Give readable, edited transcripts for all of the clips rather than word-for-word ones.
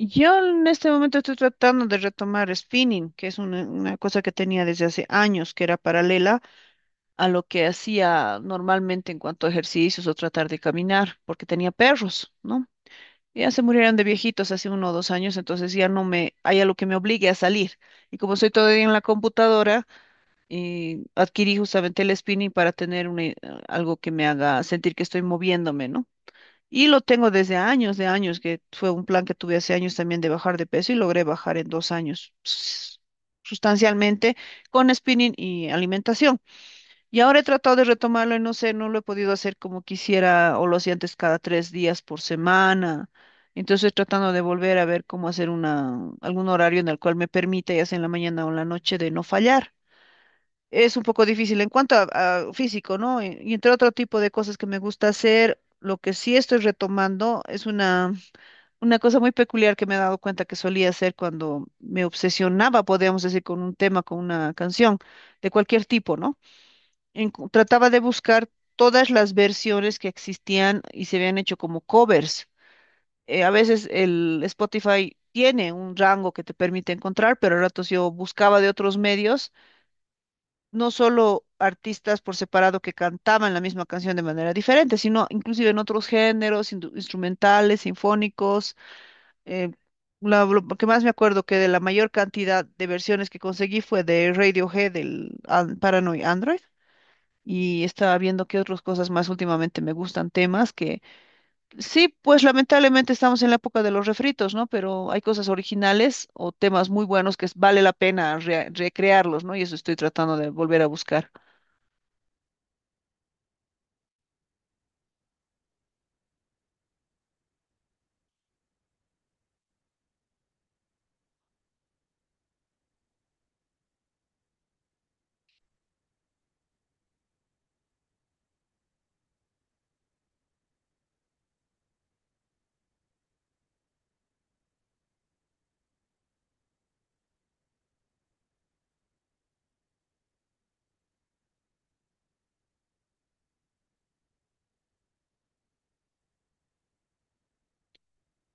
Yo en este momento estoy tratando de retomar spinning, que es una cosa que tenía desde hace años, que era paralela a lo que hacía normalmente en cuanto a ejercicios o tratar de caminar, porque tenía perros, ¿no? Ya se murieron de viejitos hace 1 o 2 años, entonces ya no me, hay algo que me obligue a salir. Y como soy todavía en la computadora, adquirí justamente el spinning para tener algo que me haga sentir que estoy moviéndome, ¿no? Y lo tengo desde años, de años, que fue un plan que tuve hace años también de bajar de peso y logré bajar en 2 años sustancialmente con spinning y alimentación. Y ahora he tratado de retomarlo y no sé, no lo he podido hacer como quisiera o lo hacía antes cada 3 días por semana. Entonces estoy tratando de volver a ver cómo hacer una, algún horario en el cual me permita, ya sea en la mañana o en la noche, de no fallar, es un poco difícil en cuanto a físico, ¿no? Y entre otro tipo de cosas que me gusta hacer, lo que sí estoy retomando es una cosa muy peculiar que me he dado cuenta que solía hacer cuando me obsesionaba, podríamos decir, con un tema, con una canción de cualquier tipo, ¿no? Trataba de buscar todas las versiones que existían y se habían hecho como covers. A veces el Spotify tiene un rango que te permite encontrar, pero a ratos yo buscaba de otros medios, no solo artistas por separado que cantaban la misma canción de manera diferente, sino inclusive en otros géneros, instrumentales, sinfónicos. eh, lo que más me acuerdo que de la mayor cantidad de versiones que conseguí fue de Radiohead, del Paranoid Android. Y estaba viendo qué otras cosas más últimamente me gustan, temas que sí, pues lamentablemente estamos en la época de los refritos, ¿no? Pero hay cosas originales o temas muy buenos que vale la pena recrearlos, ¿no? Y eso estoy tratando de volver a buscar.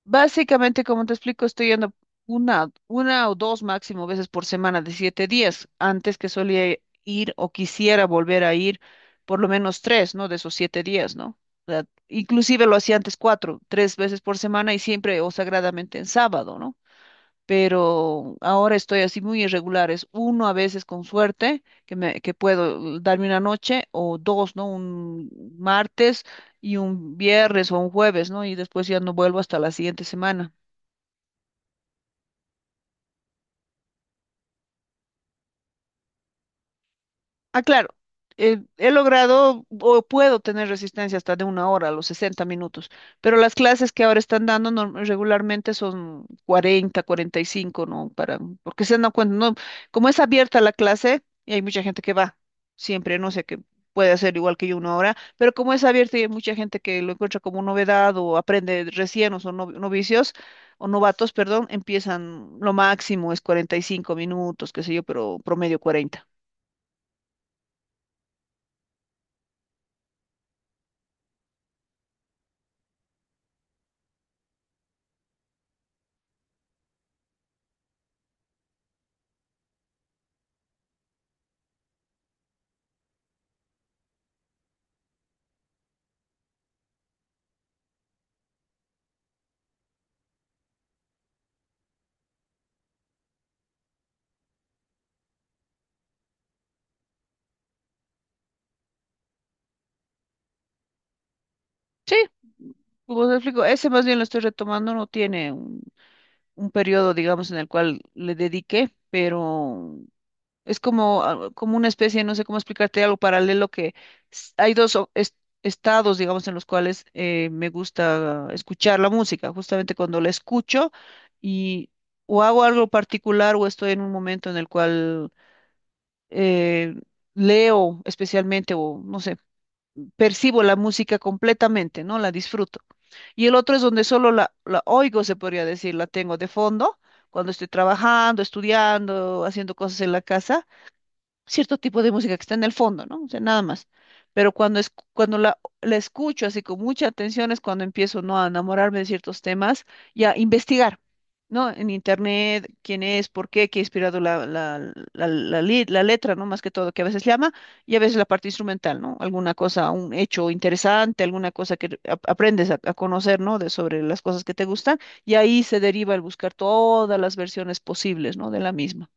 Básicamente, como te explico, estoy yendo una o dos máximo veces por semana de 7 días. Antes que solía ir o quisiera volver a ir por lo menos tres, ¿no? De esos 7 días, ¿no? O sea, inclusive lo hacía antes cuatro, tres veces por semana y siempre o sagradamente en sábado, ¿no? Pero ahora estoy así muy irregulares, uno a veces con suerte que me que puedo darme una noche o dos, ¿no? Un martes y un viernes o un jueves, ¿no? Y después ya no vuelvo hasta la siguiente semana. Ah, claro. He logrado o puedo tener resistencia hasta de 1 hora, a los 60 minutos, pero las clases que ahora están dando regularmente son 40, 45, ¿no? Para, porque se dan cuenta, ¿no? Como es abierta la clase, y hay mucha gente que va siempre, no sé, que puede hacer igual que yo 1 hora, pero como es abierta y hay mucha gente que lo encuentra como novedad o aprende recién o son novicios o novatos, perdón, empiezan, lo máximo es 45 minutos, qué sé yo, pero promedio 40. Sí, como te explico, ese más bien lo estoy retomando, no tiene un periodo, digamos, en el cual le dediqué, pero es como, ah, como una especie, no sé cómo explicarte, algo paralelo que hay dos estados, digamos, en los cuales me gusta escuchar la música, justamente cuando la escucho y o hago algo particular o estoy en un momento en el cual eh, leo especialmente o, no sé, percibo la música completamente, ¿no? La disfruto. Y el otro es donde solo la oigo, se podría decir, la tengo de fondo, cuando estoy trabajando, estudiando, haciendo cosas en la casa, cierto tipo de música que está en el fondo, ¿no? O sea, nada más. Pero cuando, es, cuando la escucho así con mucha atención es cuando empiezo, ¿no? A enamorarme de ciertos temas y a investigar, ¿no? En internet, quién es, por qué, qué ha inspirado la letra, ¿no? Más que todo, que a veces llama y a veces la parte instrumental, ¿no? Alguna cosa, un hecho interesante, alguna cosa que aprendes a conocer, ¿no? De, sobre las cosas que te gustan y ahí se deriva el buscar todas las versiones posibles, ¿no? De la misma.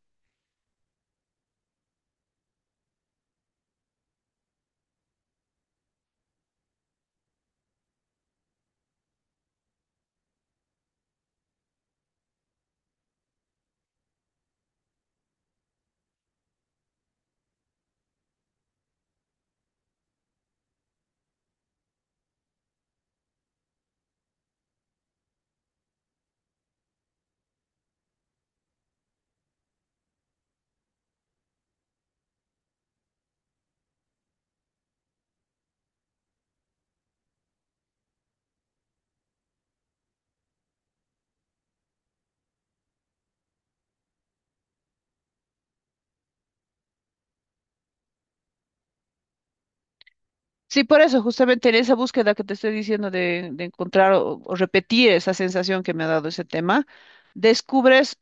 Sí, por eso, justamente en esa búsqueda que te estoy diciendo de encontrar o repetir esa sensación que me ha dado ese tema, descubres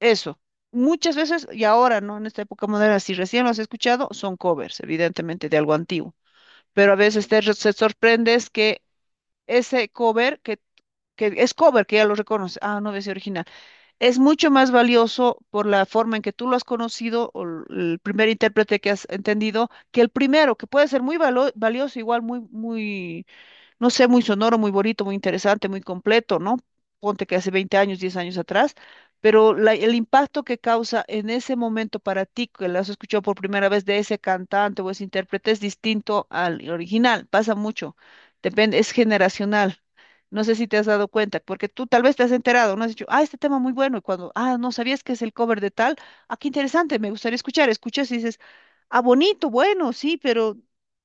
eso. Muchas veces, y ahora, ¿no? En esta época moderna, si recién lo has escuchado, son covers, evidentemente, de algo antiguo. Pero a veces te, te sorprendes que ese cover, que es cover, que ya lo reconoces, ah, no, es original. Es mucho más valioso por la forma en que tú lo has conocido o el primer intérprete que has entendido que el primero, que puede ser muy valioso, igual muy, muy, no sé, muy sonoro, muy bonito, muy interesante, muy completo, ¿no? Ponte que hace 20 años, 10 años atrás, pero el impacto que causa en ese momento para ti, que lo has escuchado por primera vez de ese cantante o ese intérprete, es distinto al original, pasa mucho, depende, es generacional. No sé si te has dado cuenta, porque tú tal vez te has enterado, no has dicho, ah, este tema muy bueno, y cuando, ah, no sabías que es el cover de tal, ah, qué interesante, me gustaría escuchar, escuchas y dices, ah, bonito, bueno, sí, pero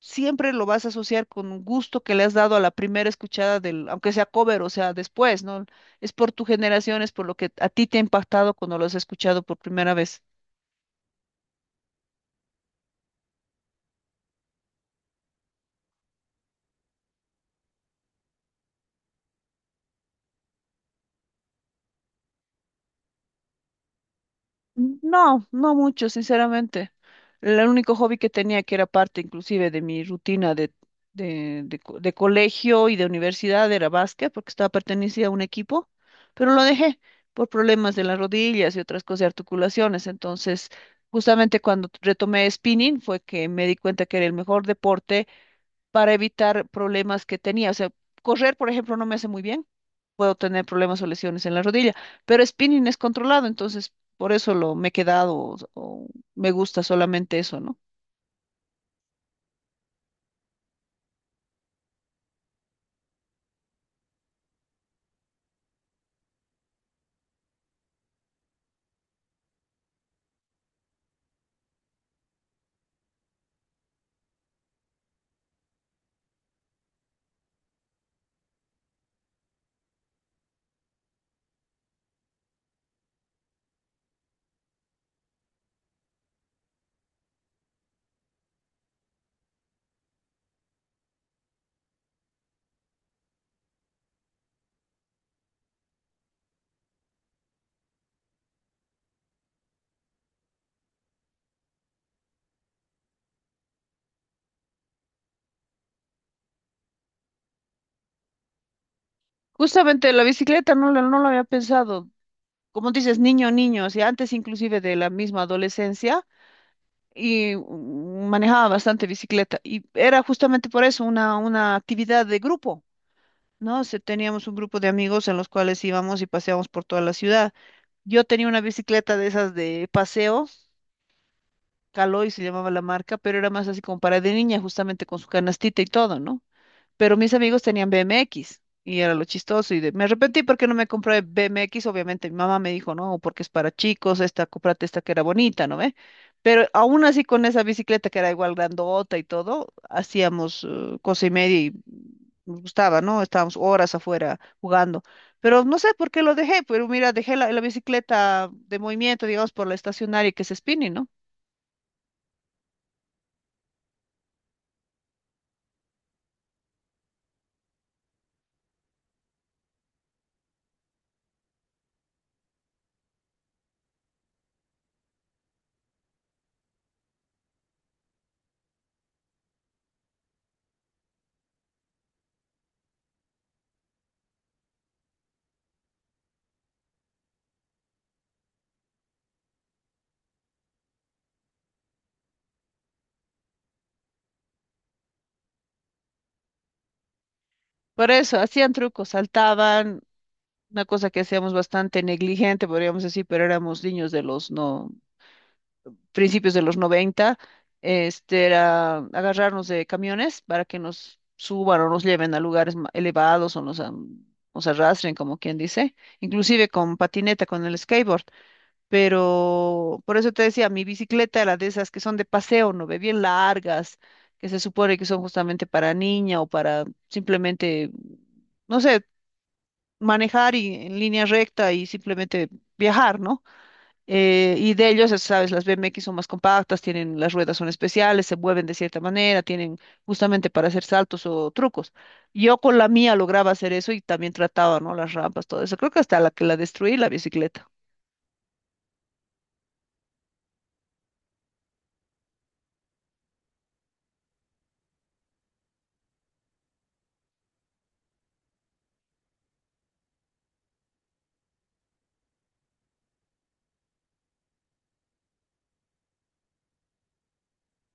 siempre lo vas a asociar con un gusto que le has dado a la primera escuchada del, aunque sea cover, o sea, después, ¿no? Es por tu generación, es por lo que a ti te ha impactado cuando lo has escuchado por primera vez. No, no mucho, sinceramente. El único hobby que tenía, que era parte inclusive de mi rutina de colegio y de universidad, era básquet, porque estaba pertenecía a un equipo, pero lo dejé por problemas de las rodillas y otras cosas de articulaciones. Entonces, justamente cuando retomé spinning fue que me di cuenta que era el mejor deporte para evitar problemas que tenía. O sea, correr, por ejemplo, no me hace muy bien, puedo tener problemas o lesiones en la rodilla, pero spinning es controlado, entonces por eso lo me he quedado o me gusta solamente eso, ¿no? Justamente la bicicleta no, no lo había pensado, como dices, niño, niño, y antes inclusive de la misma adolescencia y manejaba bastante bicicleta y era justamente por eso una actividad de grupo. ¿No? Teníamos un grupo de amigos en los cuales íbamos y paseábamos por toda la ciudad. Yo tenía una bicicleta de esas de paseo, Caloy se llamaba la marca, pero era más así como para de niña, justamente con su canastita y todo, ¿no? Pero mis amigos tenían BMX y era lo chistoso y me arrepentí porque no me compré BMX, obviamente mi mamá me dijo, no, porque es para chicos, esta, cómprate esta que era bonita, ¿no ve? Pero aún así con esa bicicleta que era igual grandota y todo, hacíamos cosa y media y nos gustaba, ¿no? Estábamos horas afuera jugando. Pero no sé por qué lo dejé, pero mira, dejé la bicicleta de movimiento, digamos, por la estacionaria que es spinning, ¿no? Por eso, hacían trucos, saltaban, una cosa que hacíamos bastante negligente, podríamos decir, pero éramos niños de los no, principios de los 90. Este era agarrarnos de camiones para que nos suban o nos lleven a lugares elevados o nos, nos arrastren, como quien dice, inclusive con patineta, con el skateboard. Pero por eso te decía, mi bicicleta era de esas que son de paseo, ¿no ve? Bien largas, que se supone que son justamente para niña o para simplemente no sé, manejar y en línea recta y simplemente viajar, ¿no? Y de ellos, ya sabes, las BMX son más compactas, tienen, las ruedas son especiales, se mueven de cierta manera, tienen justamente para hacer saltos o trucos. Yo con la mía lograba hacer eso y también trataba, ¿no? Las rampas, todo eso. Creo que hasta la que la destruí, la bicicleta.